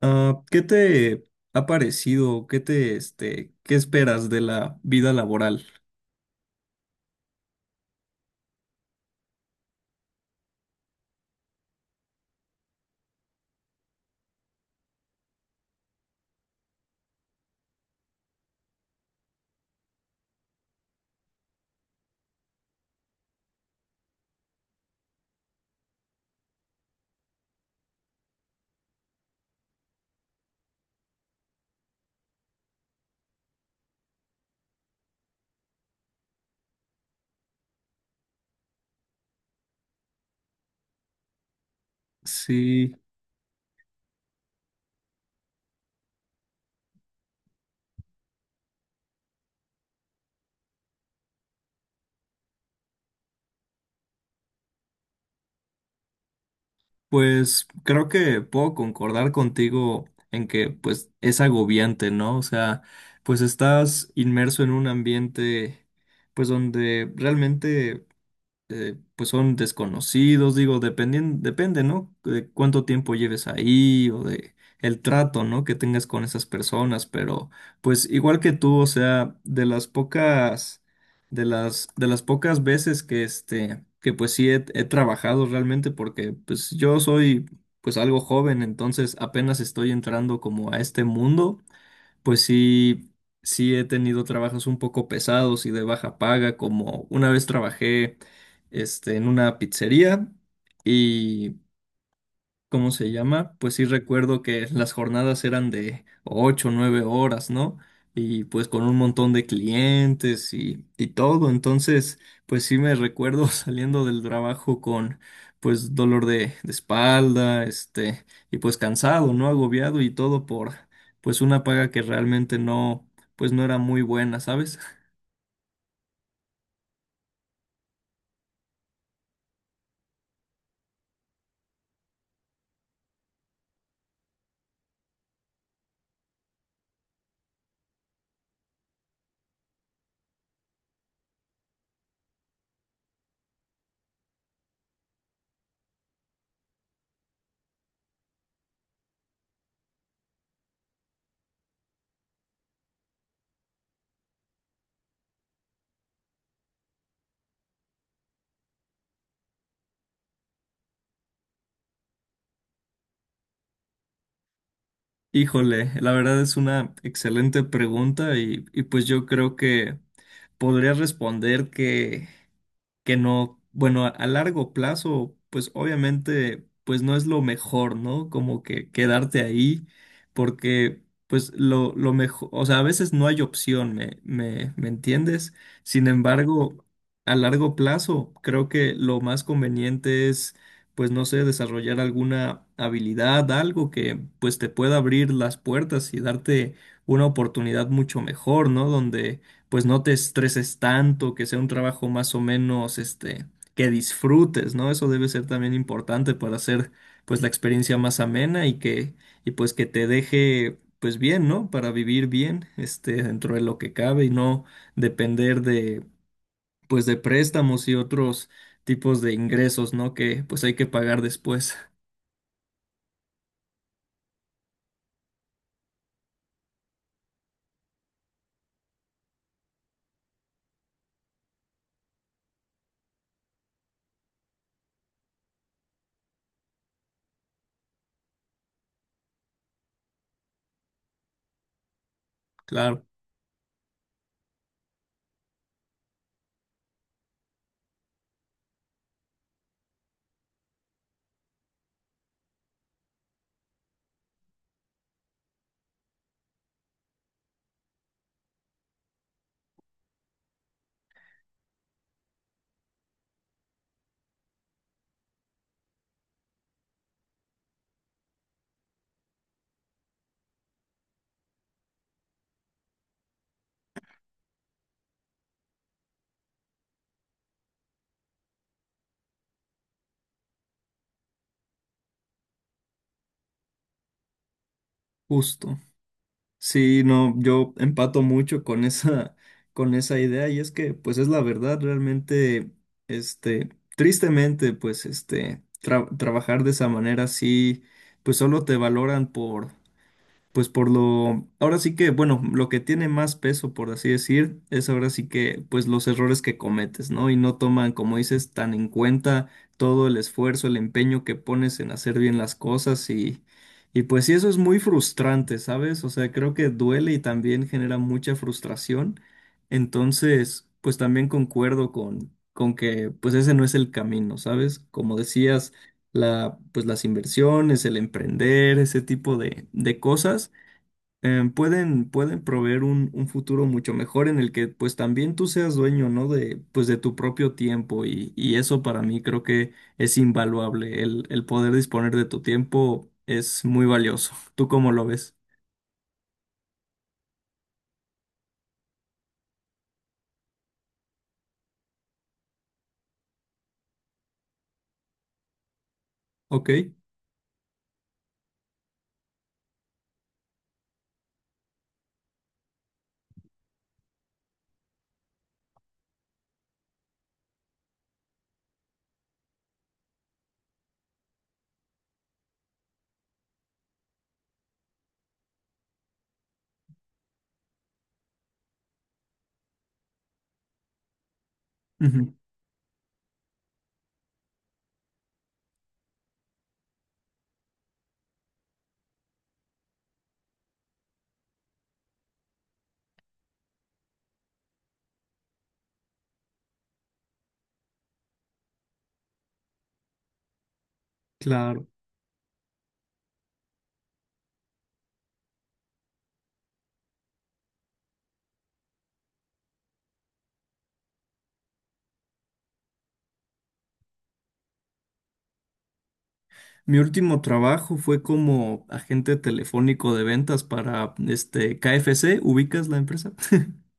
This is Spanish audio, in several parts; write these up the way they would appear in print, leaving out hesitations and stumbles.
Ah, ¿qué te ha parecido? ¿Qué te, qué esperas de la vida laboral? Sí, pues creo que puedo concordar contigo en que pues es agobiante, ¿no? O sea, pues estás inmerso en un ambiente pues donde realmente pues son desconocidos, digo, depende, ¿no? De cuánto tiempo lleves ahí o de el trato, ¿no? Que tengas con esas personas, pero pues igual que tú, o sea, de las pocas, de las pocas veces que que pues sí he trabajado realmente porque pues yo soy pues algo joven, entonces apenas estoy entrando como a este mundo, pues sí, sí he tenido trabajos un poco pesados y de baja paga, como una vez trabajé, este, en una pizzería y ¿cómo se llama? Pues sí recuerdo que las jornadas eran de ocho o 9 horas, ¿no? Y pues con un montón de clientes y todo. Entonces, pues sí me recuerdo saliendo del trabajo con pues dolor de espalda, este, y pues cansado, ¿no? Agobiado y todo por pues una paga que realmente no, pues no era muy buena, ¿sabes? Híjole, la verdad es una excelente pregunta y pues yo creo que podría responder que no, bueno, a largo plazo, pues obviamente, pues no es lo mejor, ¿no? Como que quedarte ahí, porque pues lo mejor, o sea, a veces no hay opción, me entiendes? Sin embargo, a largo plazo, creo que lo más conveniente es, pues no sé, desarrollar alguna habilidad, algo que pues te pueda abrir las puertas y darte una oportunidad mucho mejor, ¿no? Donde pues no te estreses tanto, que sea un trabajo más o menos, este, que disfrutes, ¿no? Eso debe ser también importante para hacer, pues, la experiencia más amena y pues que te deje, pues, bien, ¿no? Para vivir bien, este, dentro de lo que cabe y no depender de, pues, de préstamos y otros tipos de ingresos, ¿no? Que, pues, hay que pagar después. Claro, justo. Sí, no, yo empato mucho con esa, con esa idea y es que, pues es la verdad, realmente, este, tristemente, pues, este, trabajar de esa manera, sí, pues solo te valoran por, pues por lo, ahora sí que, bueno, lo que tiene más peso, por así decir, es ahora sí que, pues los errores que cometes, ¿no? Y no toman, como dices, tan en cuenta todo el esfuerzo, el empeño que pones en hacer bien las cosas y pues sí, eso es muy frustrante, ¿sabes? O sea, creo que duele y también genera mucha frustración. Entonces, pues también concuerdo con que, pues ese no es el camino, ¿sabes? Como decías, la, pues las inversiones, el emprender, ese tipo de cosas, pueden, pueden proveer un futuro mucho mejor en el que pues también tú seas dueño, ¿no? De, pues de tu propio tiempo y eso para mí creo que es invaluable. El poder disponer de tu tiempo es muy valioso. ¿Tú cómo lo ves? Ok. Ujú. Claro. Mi último trabajo fue como agente telefónico de ventas para este KFC. ¿Ubicas la empresa?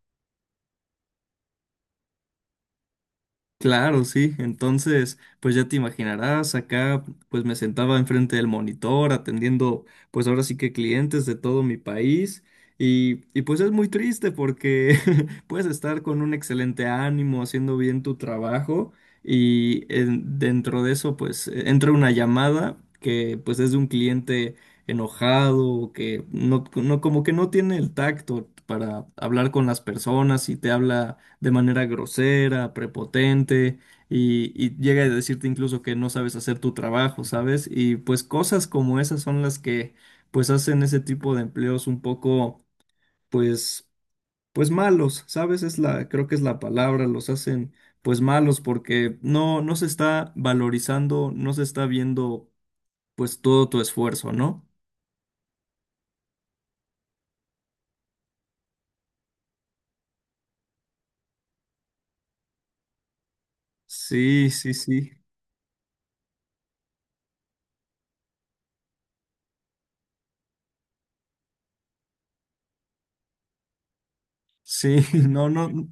Claro, sí. Entonces, pues ya te imaginarás, acá pues me sentaba enfrente del monitor atendiendo pues ahora sí que clientes de todo mi país y pues es muy triste porque puedes estar con un excelente ánimo haciendo bien tu trabajo y dentro de eso pues entra una llamada que pues es de un cliente enojado que no como que no tiene el tacto para hablar con las personas y te habla de manera grosera, prepotente y llega a decirte incluso que no sabes hacer tu trabajo, ¿sabes? Y pues cosas como esas son las que pues hacen ese tipo de empleos un poco pues pues malos, ¿sabes? Es la creo que es la palabra, los hacen pues malos porque no se está valorizando, no se está viendo pues todo tu esfuerzo, ¿no? Sí, sí, sí. Sí, no, no.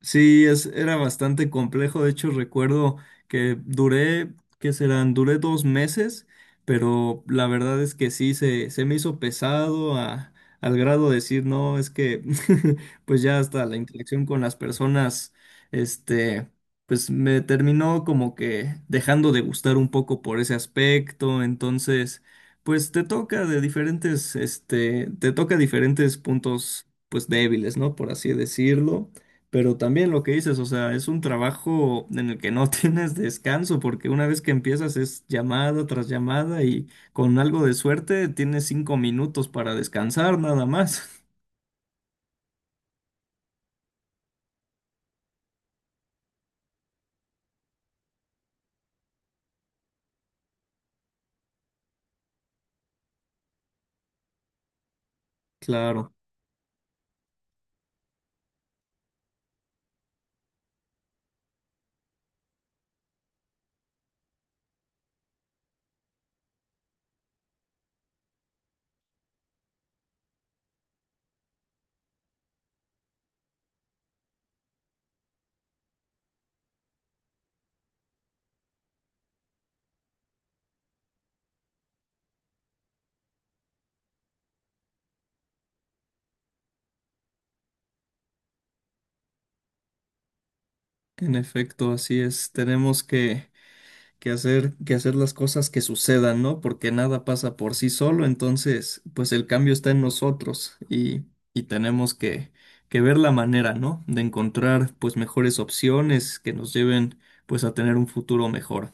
Sí, es, era bastante complejo. De hecho, recuerdo que duré, ¿qué serán? Duré 2 meses, pero la verdad es que sí, se me hizo pesado al grado de decir, no, es que pues ya hasta la interacción con las personas, este, pues me terminó como que dejando de gustar un poco por ese aspecto. Entonces, pues te toca de diferentes, este, te toca diferentes puntos, pues débiles, ¿no? Por así decirlo. Pero también lo que dices, o sea, es un trabajo en el que no tienes descanso, porque una vez que empiezas es llamada tras llamada y con algo de suerte tienes 5 minutos para descansar nada más. Claro, en efecto, así es. Tenemos que hacer las cosas que sucedan, ¿no? Porque nada pasa por sí solo, entonces, pues el cambio está en nosotros y tenemos que ver la manera, ¿no? De encontrar, pues, mejores opciones que nos lleven, pues, a tener un futuro mejor.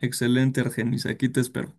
Excelente, Argenis, aquí te espero.